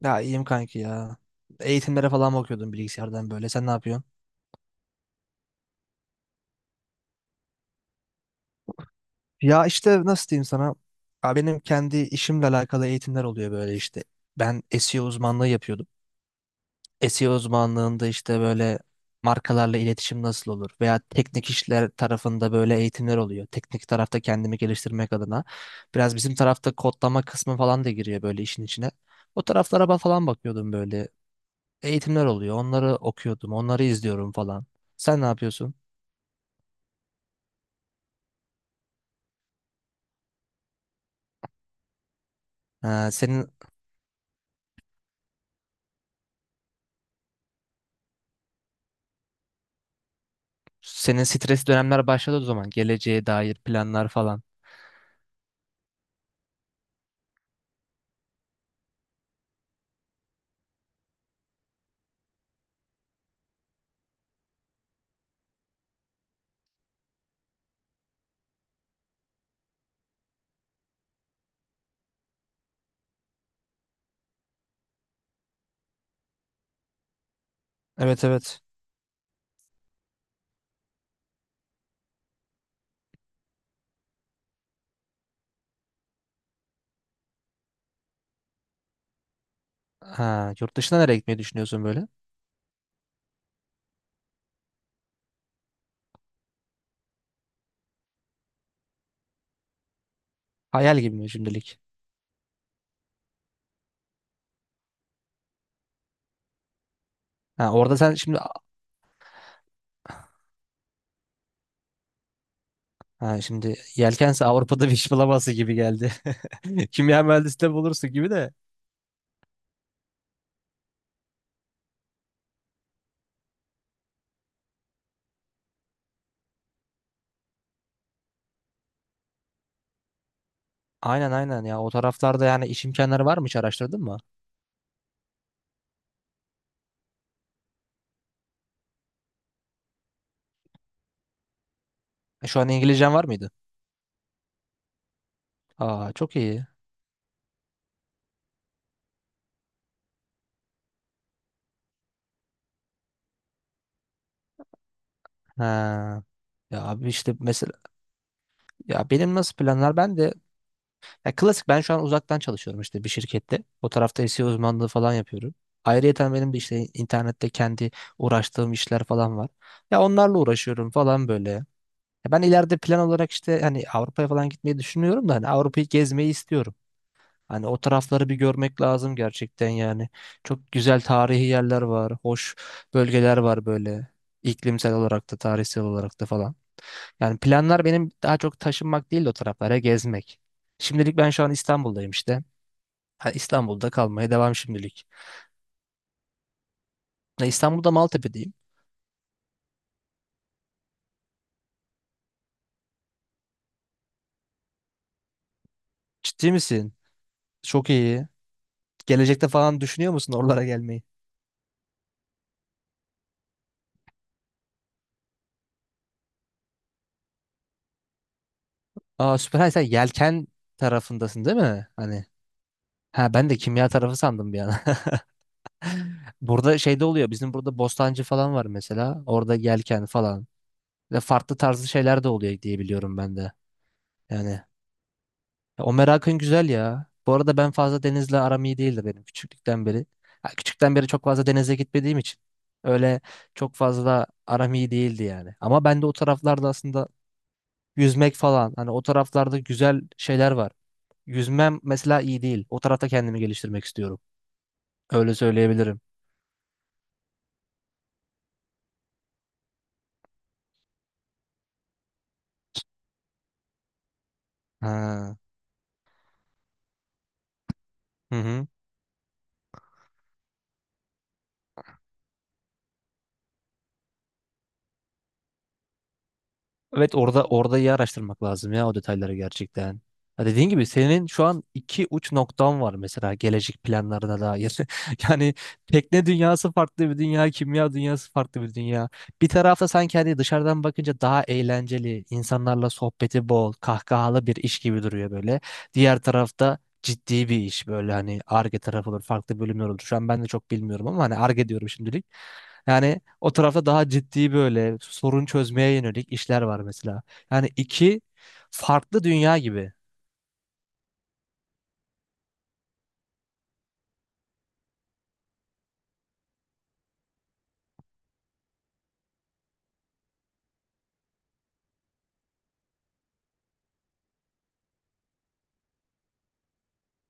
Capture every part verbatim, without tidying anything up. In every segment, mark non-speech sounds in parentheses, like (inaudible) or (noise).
Ya iyiyim kanki ya. Eğitimlere falan bakıyordum bilgisayardan böyle. Sen ne yapıyorsun? Ya işte nasıl diyeyim sana? Ya benim kendi işimle alakalı eğitimler oluyor böyle işte. Ben S E O uzmanlığı yapıyordum. S E O uzmanlığında işte böyle markalarla iletişim nasıl olur veya teknik işler tarafında böyle eğitimler oluyor. Teknik tarafta kendimi geliştirmek adına. Biraz bizim tarafta kodlama kısmı falan da giriyor böyle işin içine. O taraflara ba- falan bakıyordum böyle. Eğitimler oluyor. Onları okuyordum. Onları izliyorum falan. Sen ne yapıyorsun? Ha, senin senin stresli dönemler başladı o zaman. Geleceğe dair planlar falan. Evet evet. Ha, yurt dışına nereye gitmeyi düşünüyorsun böyle? Hayal gibi mi şimdilik? Ha, orada sen şimdi ha, şimdi yelkense Avrupa'da bir iş bulamazsın gibi geldi. (laughs) Kimya mühendisliği bulursun gibi de. Aynen aynen ya, o taraflarda yani iş imkanları var mı, hiç araştırdın mı? E, şu an İngilizcen var mıydı? Aa çok iyi. Ha. Ya abi işte mesela ya benim nasıl planlar, ben de ya klasik ben şu an uzaktan çalışıyorum işte bir şirkette. O tarafta S E O uzmanlığı falan yapıyorum. Ayrıyeten benim de işte internette kendi uğraştığım işler falan var. Ya onlarla uğraşıyorum falan böyle. Ya ben ileride plan olarak işte hani Avrupa'ya falan gitmeyi düşünüyorum da hani Avrupa'yı gezmeyi istiyorum. Hani o tarafları bir görmek lazım gerçekten yani. Çok güzel tarihi yerler var, hoş bölgeler var böyle. İklimsel olarak da tarihsel olarak da falan. Yani planlar benim daha çok taşınmak değil de o taraflara gezmek. Şimdilik ben şu an İstanbul'dayım işte. Ha, İstanbul'da kalmaya devam şimdilik. Ya İstanbul'da Maltepe'deyim. Ciddi misin? Çok iyi. Gelecekte falan düşünüyor musun oralara gelmeyi? Aa süper. Ha, sen yelken tarafındasın değil mi? Hani ha ben de kimya tarafı sandım bir an. (laughs) Burada şeyde oluyor. Bizim burada Bostancı falan var mesela. Orada yelken falan. Ve farklı tarzı şeyler de oluyor diye biliyorum ben de. Yani ya o merakın güzel ya. Bu arada ben fazla denizle aram iyi değildi benim küçüklükten beri. Ha, küçükten beri çok fazla denize gitmediğim için öyle çok fazla aram iyi değildi yani. Ama ben de o taraflarda aslında yüzmek falan hani o taraflarda güzel şeyler var. Yüzmem mesela iyi değil. O tarafta kendimi geliştirmek istiyorum. Öyle söyleyebilirim. Ha. Hı hı. Evet, orada orada iyi araştırmak lazım ya o detayları gerçekten. Ha, dediğin gibi senin şu an iki uç noktan var mesela gelecek planlarına dair. (laughs) Yani tekne dünyası farklı bir dünya, kimya dünyası farklı bir dünya. Bir tarafta sanki hani dışarıdan bakınca daha eğlenceli, insanlarla sohbeti bol, kahkahalı bir iş gibi duruyor böyle. Diğer tarafta ciddi bir iş böyle hani Ar-Ge tarafı olur, farklı bölümler olur. Şu an ben de çok bilmiyorum ama hani Ar-Ge diyorum şimdilik. Yani o tarafta daha ciddi böyle sorun çözmeye yönelik işler var mesela. Yani iki farklı dünya gibi.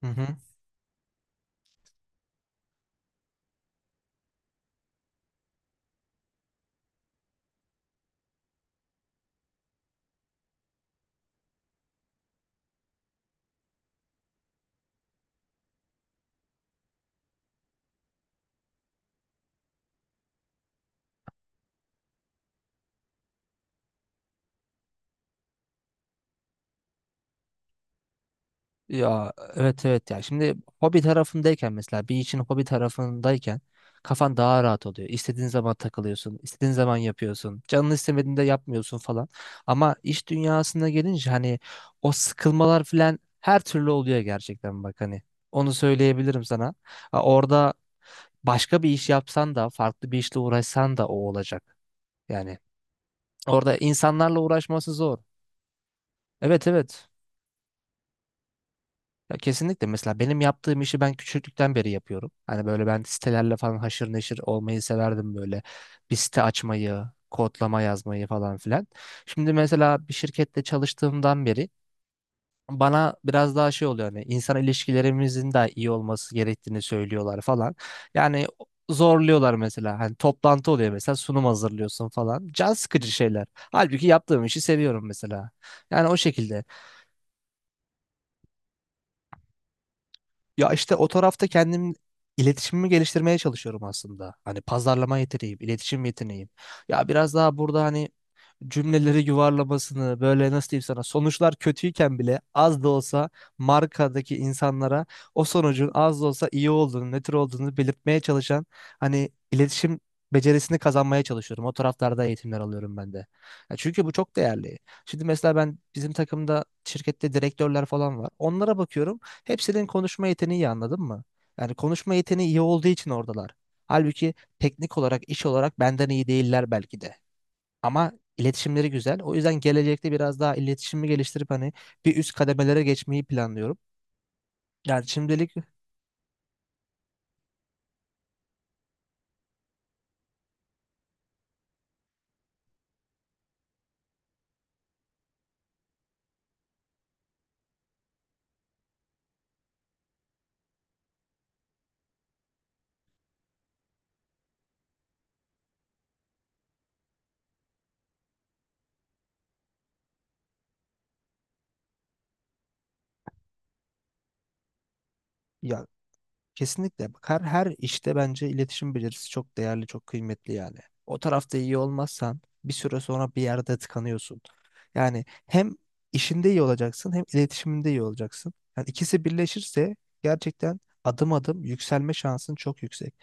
Hı hı. Ya evet evet ya. Şimdi hobi tarafındayken mesela bir işin hobi tarafındayken kafan daha rahat oluyor. İstediğin zaman takılıyorsun, istediğin zaman yapıyorsun. Canın istemediğinde yapmıyorsun falan. Ama iş dünyasına gelince hani o sıkılmalar falan her türlü oluyor gerçekten bak hani. Onu söyleyebilirim sana. Ha, orada başka bir iş yapsan da farklı bir işle uğraşsan da o olacak. Yani orada insanlarla uğraşması zor. Evet evet. Ya kesinlikle mesela benim yaptığım işi ben küçüklükten beri yapıyorum. Hani böyle ben sitelerle falan haşır neşir olmayı severdim böyle. Bir site açmayı, kodlama yazmayı falan filan. Şimdi mesela bir şirkette çalıştığımdan beri bana biraz daha şey oluyor hani insan ilişkilerimizin de iyi olması gerektiğini söylüyorlar falan. Yani zorluyorlar mesela hani toplantı oluyor mesela sunum hazırlıyorsun falan. Can sıkıcı şeyler. Halbuki yaptığım işi seviyorum mesela. Yani o şekilde. Ya işte o tarafta kendim iletişimimi geliştirmeye çalışıyorum aslında. Hani pazarlama yeteneğim, iletişim yeteneğim. Ya biraz daha burada hani cümleleri yuvarlamasını böyle nasıl diyeyim sana, sonuçlar kötüyken bile az da olsa markadaki insanlara o sonucun az da olsa iyi olduğunu, nötr olduğunu belirtmeye çalışan hani iletişim becerisini kazanmaya çalışıyorum. O taraflarda eğitimler alıyorum ben de. Ya çünkü bu çok değerli. Şimdi mesela ben bizim takımda şirkette direktörler falan var. Onlara bakıyorum. Hepsinin konuşma yeteneği iyi, anladın mı? Yani konuşma yeteneği iyi olduğu için oradalar. Halbuki teknik olarak, iş olarak benden iyi değiller belki de. Ama iletişimleri güzel. O yüzden gelecekte biraz daha iletişimi geliştirip hani bir üst kademelere geçmeyi planlıyorum. Yani şimdilik ya kesinlikle. Bak, her, her işte bence iletişim becerisi çok değerli, çok kıymetli yani. O tarafta iyi olmazsan bir süre sonra bir yerde tıkanıyorsun. Yani hem işinde iyi olacaksın hem iletişiminde iyi olacaksın. Yani ikisi birleşirse gerçekten adım adım yükselme şansın çok yüksek.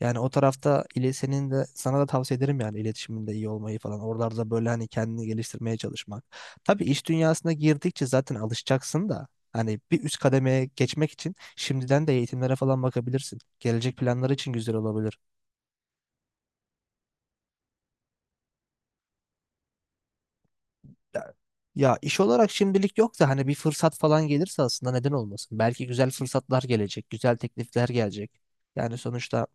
Yani o tarafta ile senin de, sana da tavsiye ederim yani iletişiminde iyi olmayı falan. Oralarda böyle hani kendini geliştirmeye çalışmak. Tabii iş dünyasına girdikçe zaten alışacaksın da hani bir üst kademeye geçmek için şimdiden de eğitimlere falan bakabilirsin. Gelecek planları için güzel olabilir. Ya, ya iş olarak şimdilik yok da hani bir fırsat falan gelirse aslında neden olmasın? Belki güzel fırsatlar gelecek, güzel teklifler gelecek. Yani sonuçta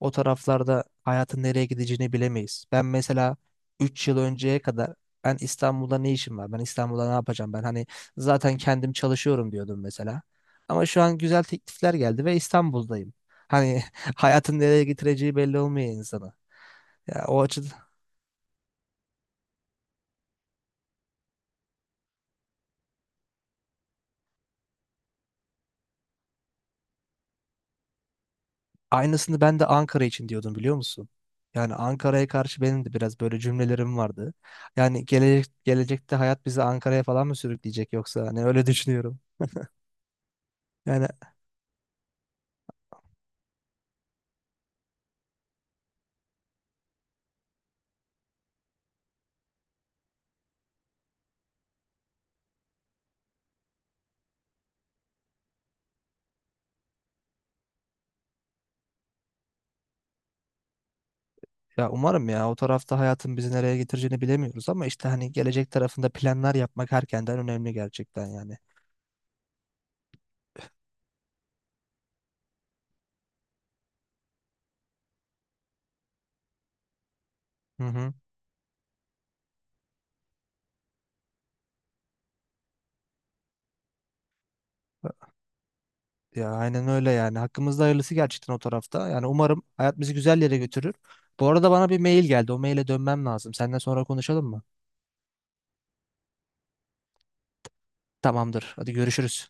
o taraflarda hayatın nereye gideceğini bilemeyiz. Ben mesela üç yıl önceye kadar ben İstanbul'da ne işim var? Ben İstanbul'da ne yapacağım? Ben hani zaten kendim çalışıyorum diyordum mesela. Ama şu an güzel teklifler geldi ve İstanbul'dayım. Hani (laughs) hayatın nereye getireceği belli olmuyor insana. Ya o açıdan aynısını ben de Ankara için diyordum, biliyor musun? Yani Ankara'ya karşı benim de biraz böyle cümlelerim vardı. Yani gelecek, gelecekte hayat bizi Ankara'ya falan mı sürükleyecek yoksa hani öyle (laughs) düşünüyorum. Yani ya umarım ya, o tarafta hayatın bizi nereye getireceğini bilemiyoruz ama işte hani gelecek tarafında planlar yapmak erkenden önemli gerçekten yani. Hı hı. Ya aynen öyle yani. Hakkımızda hayırlısı gerçekten o tarafta. Yani umarım hayat bizi güzel yere götürür. Bu arada bana bir mail geldi. O maile dönmem lazım. Seninle sonra konuşalım mı? Tamamdır. Hadi görüşürüz.